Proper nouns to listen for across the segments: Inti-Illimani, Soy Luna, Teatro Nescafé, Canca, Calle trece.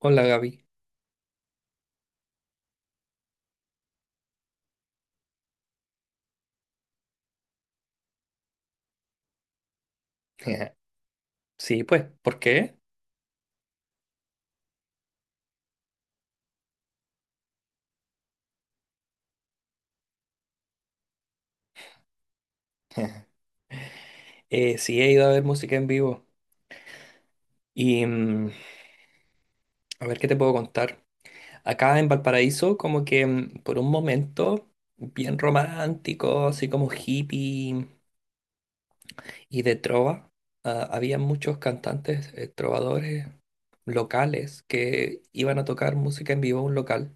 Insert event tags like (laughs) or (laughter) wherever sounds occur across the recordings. Hola Gaby. (laughs) Sí, pues, ¿por qué? (laughs) Sí, he ido a ver música en vivo. Y mm, a ver qué te puedo contar. Acá en Valparaíso, por un momento, bien romántico, así como hippie y de trova, ah, había muchos cantantes, trovadores locales que iban a tocar música en vivo a un local.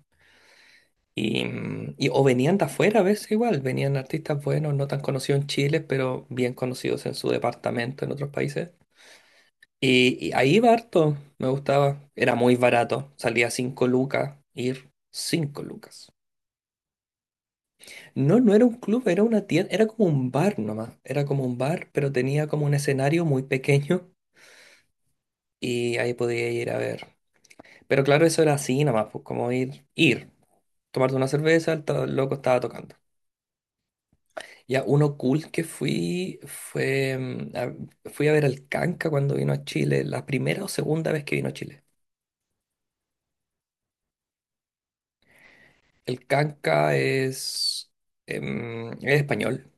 O venían de afuera a veces igual, venían artistas buenos, no tan conocidos en Chile, pero bien conocidos en su departamento, en otros países. Y ahí iba harto, me gustaba. Era muy barato, salía 5 lucas, ir 5 lucas. No, no era un club, era una tienda, era como un bar nomás. Era como un bar, pero tenía como un escenario muy pequeño y ahí podía ir a ver. Pero claro, eso era así nomás, pues como ir, tomarte una cerveza, loco estaba tocando. Ya, uno cool que fui fue, fui a ver al Canca cuando vino a Chile, la primera o segunda vez que vino a Chile. El canca es español.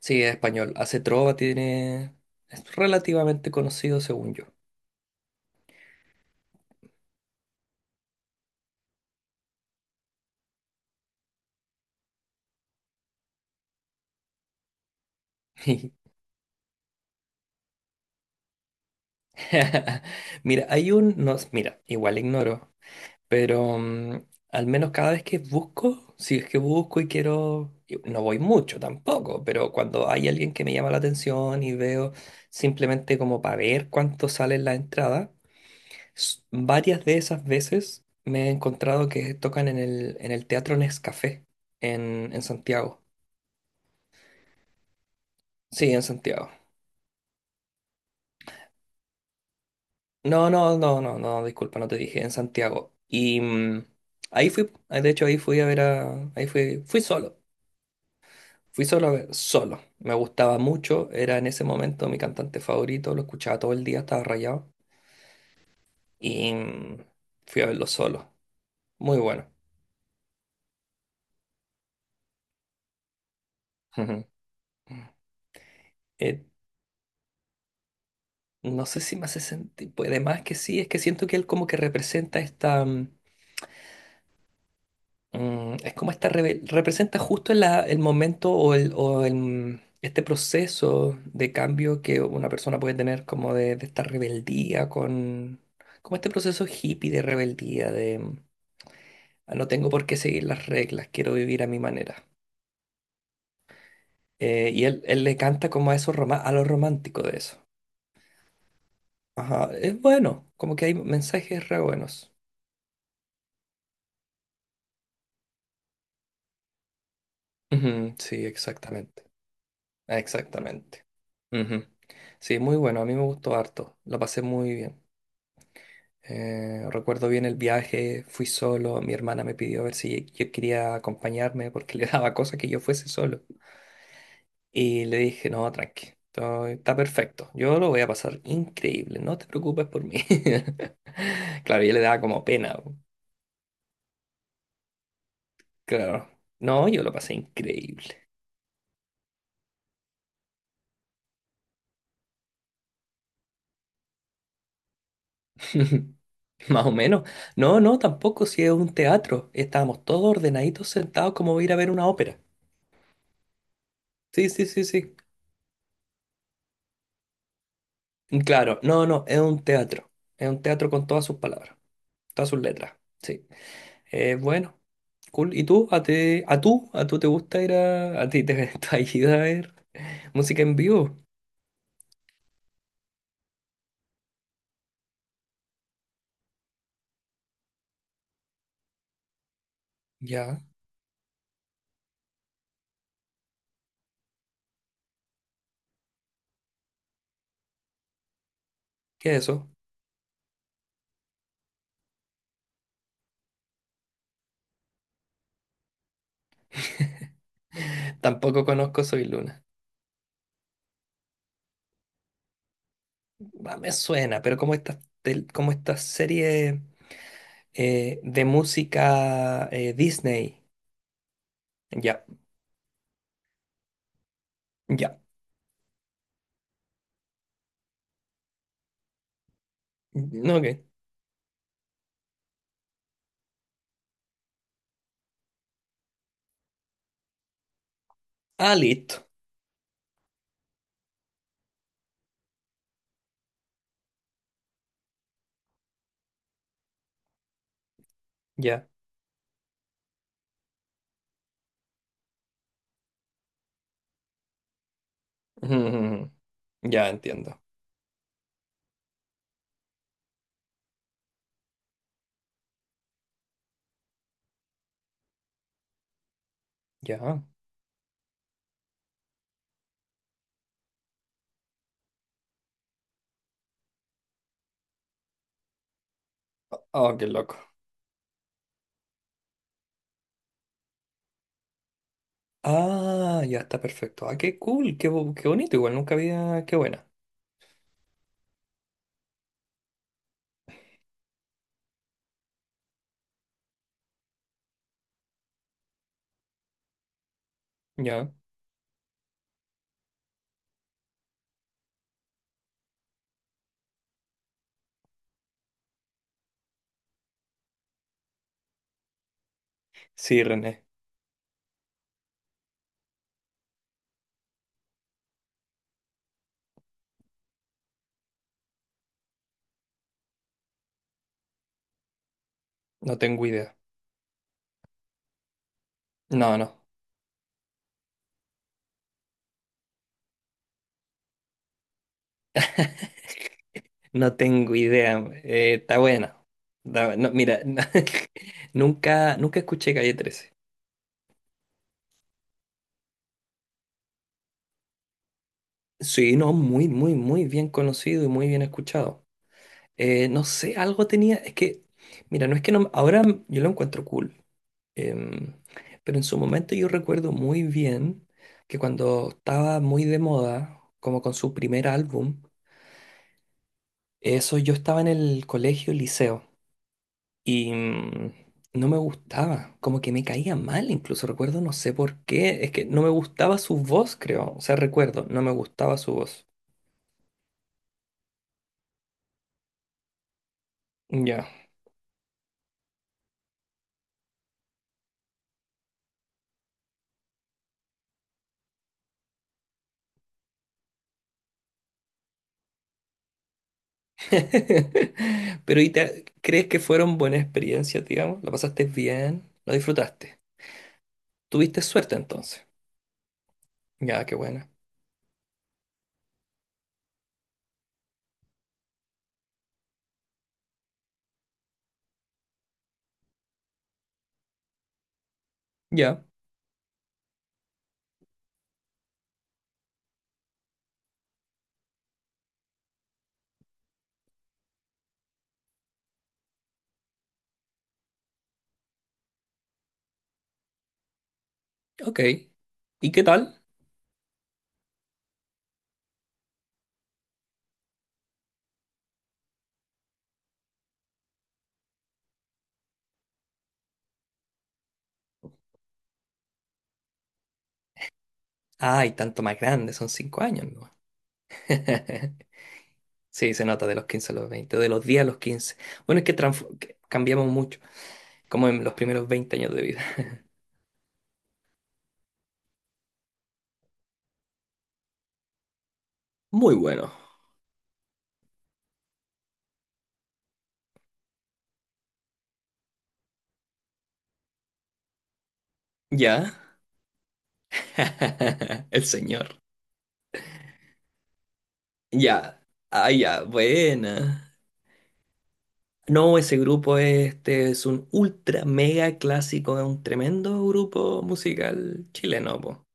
Sí, es español. Hace trova, tiene... Es relativamente conocido según yo. (laughs) Mira, hay un... No, mira, igual ignoro, pero al menos cada vez que busco, si es que busco y quiero... Y no voy mucho tampoco, pero cuando hay alguien que me llama la atención y veo simplemente como para ver cuánto sale en la entrada. Varias de esas veces me he encontrado que tocan en el Teatro Nescafé en Santiago. Sí, en Santiago. No, disculpa, no te dije, en Santiago. Ahí fui, ah, de hecho ahí fui a ver a, fui solo a ver, solo. Me gustaba mucho, era en ese momento mi cantante favorito, lo escuchaba todo el día, estaba rayado. Y mm, Fui a verlo solo, muy bueno. (laughs) Eh, No sé si me hace sentir, pues además que sí, es que siento que él como que representa esta, es como esta, representa justo el momento, este proceso de cambio que una persona puede tener como de esta rebeldía con, como este proceso hippie de rebeldía. "Ah, no tengo por qué seguir las reglas, quiero vivir a mi manera". Él le canta como a eso, a lo romántico de eso. Ajá, es bueno, como que hay mensajes re buenos. Ujú, sí, exactamente. Exactamente. Ujú. Sí, muy bueno, a mí me gustó harto, lo pasé muy bien. Recuerdo bien el viaje, fui solo, mi hermana me pidió a ver si yo quería acompañarme porque (laughs) le daba cosa que yo fuese solo. Y le dije, no, tranqui, está perfecto, yo lo voy a pasar increíble, no te preocupes por mí. (laughs) Claro, yo le daba como pena, claro. No, yo lo pasé increíble. (laughs) (laughs) Más o menos. No, no, tampoco, si es un teatro. Estábamos todos ordenaditos sentados como ir a ver una ópera. Sí. Claro, no, no, es un teatro. Es un teatro con todas sus palabras, todas sus letras. Sí. Bueno, cool. ¿Y tú? ¿A ti, a tú? ¿A tú te gusta ir a... ¿a ti te (laughs) te has ido a ver música en vivo? Ya. ¿Qué es eso? (laughs) Tampoco conozco Soy Luna. Ah, me suena, pero como como esta serie de música, Disney. Ya, ya. Mm, ok. Ah, listo. Ya. (laughs) Ujú. Ya entiendo. Ya. Oh, qué loco. Ah, ya está perfecto. Ah, qué cool, qué bonito. Igual nunca había. Qué buena. Ya. Sí, René. No tengo idea. No, no. No tengo idea. Está buena. No, mira, (laughs) nunca escuché Calle 13. Sí, no, muy bien conocido y muy bien escuchado. No sé, algo tenía. Es que, mira, no es que no. Ahora yo lo encuentro cool. Em, pero en su momento yo recuerdo muy bien que cuando estaba muy de moda, como con su primer álbum, eso yo estaba en el colegio, liceo, y no me gustaba, como que me caía mal, incluso recuerdo, no sé por qué, es que no me gustaba su voz, creo, o sea, recuerdo, no me gustaba su voz. Ya. (laughs) Pero, ¿y crees que fueron buenas experiencias, digamos? ¿La pasaste bien? ¿La disfrutaste? ¿Tuviste suerte entonces? Ya, qué buena. Ya. Ok. ¿Y qué tal? Ay, tanto más grande, son 5 años, ¿no? (laughs) Sí, se nota de los 15 a los 20, de los 10 a los 15. Bueno, es que, que cambiamos mucho, como en los primeros 20 años de vida. (laughs) Muy bueno. ¿Ya? (laughs) El señor. Ya. Ah, ya, buena. No, ese grupo este es un ultra mega clásico, es un tremendo grupo musical chileno, po.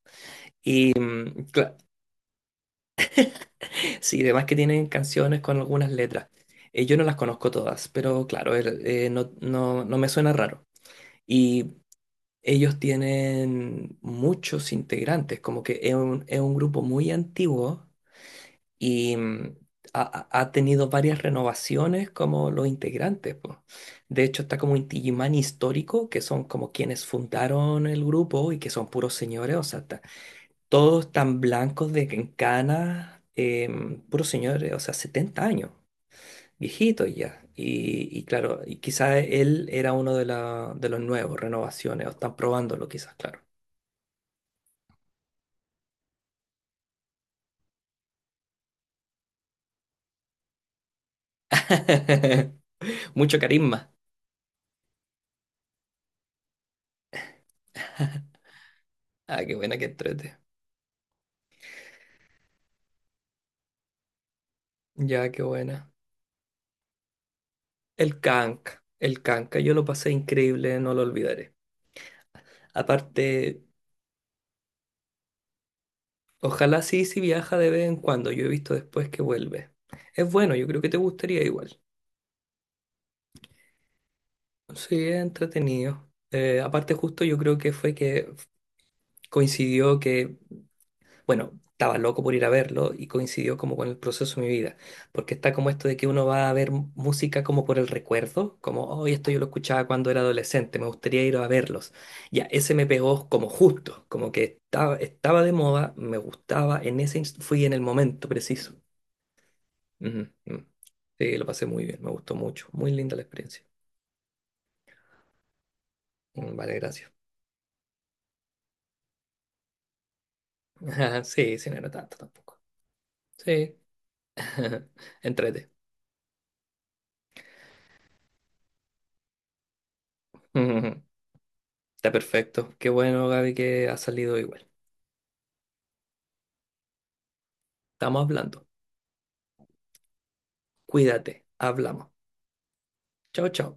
Y, mm, cla- Sí, además que tienen canciones con algunas letras. Yo no las conozco todas, pero claro, no me suena raro. Y ellos tienen muchos integrantes, como que es es un grupo muy antiguo y ha, ha tenido varias renovaciones como los integrantes, po. De hecho, está como un Inti-Illimani histórico, que son como quienes fundaron el grupo y que son puros señores, o sea, todos tan blancos de que en canas, puros señores, o sea, 70 años, viejitos ya. Y claro, y quizás él era uno de los nuevos, renovaciones, o están probándolo quizás, claro. (laughs) Mucho carisma. Ah, qué buena que entrete. Ya, qué buena. El canca, yo lo pasé increíble, no lo olvidaré. Aparte, ojalá, sí, sí viaja de vez en cuando, yo he visto después que vuelve. Es bueno, yo creo que te gustaría igual. Sí, es entretenido. Aparte justo yo creo que fue que coincidió que, bueno, estaba loco por ir a verlo y coincidió como con el proceso de mi vida, porque está como esto de que uno va a ver música como por el recuerdo, como, oh, esto yo lo escuchaba cuando era adolescente, me gustaría ir a verlos. Ya, ese me pegó como justo, como que estaba de moda, me gustaba, en ese fui en el momento preciso. Ujú, ujú. Sí, lo pasé muy bien, me gustó mucho, muy linda la experiencia. Mm, vale, gracias. (laughs) Sí, sí, no era tanto tampoco. Sí, (laughs) entrete. Ujú. Está perfecto. Qué bueno, Gaby, que ha salido igual. Estamos hablando. Cuídate. Hablamos. Chao, chao.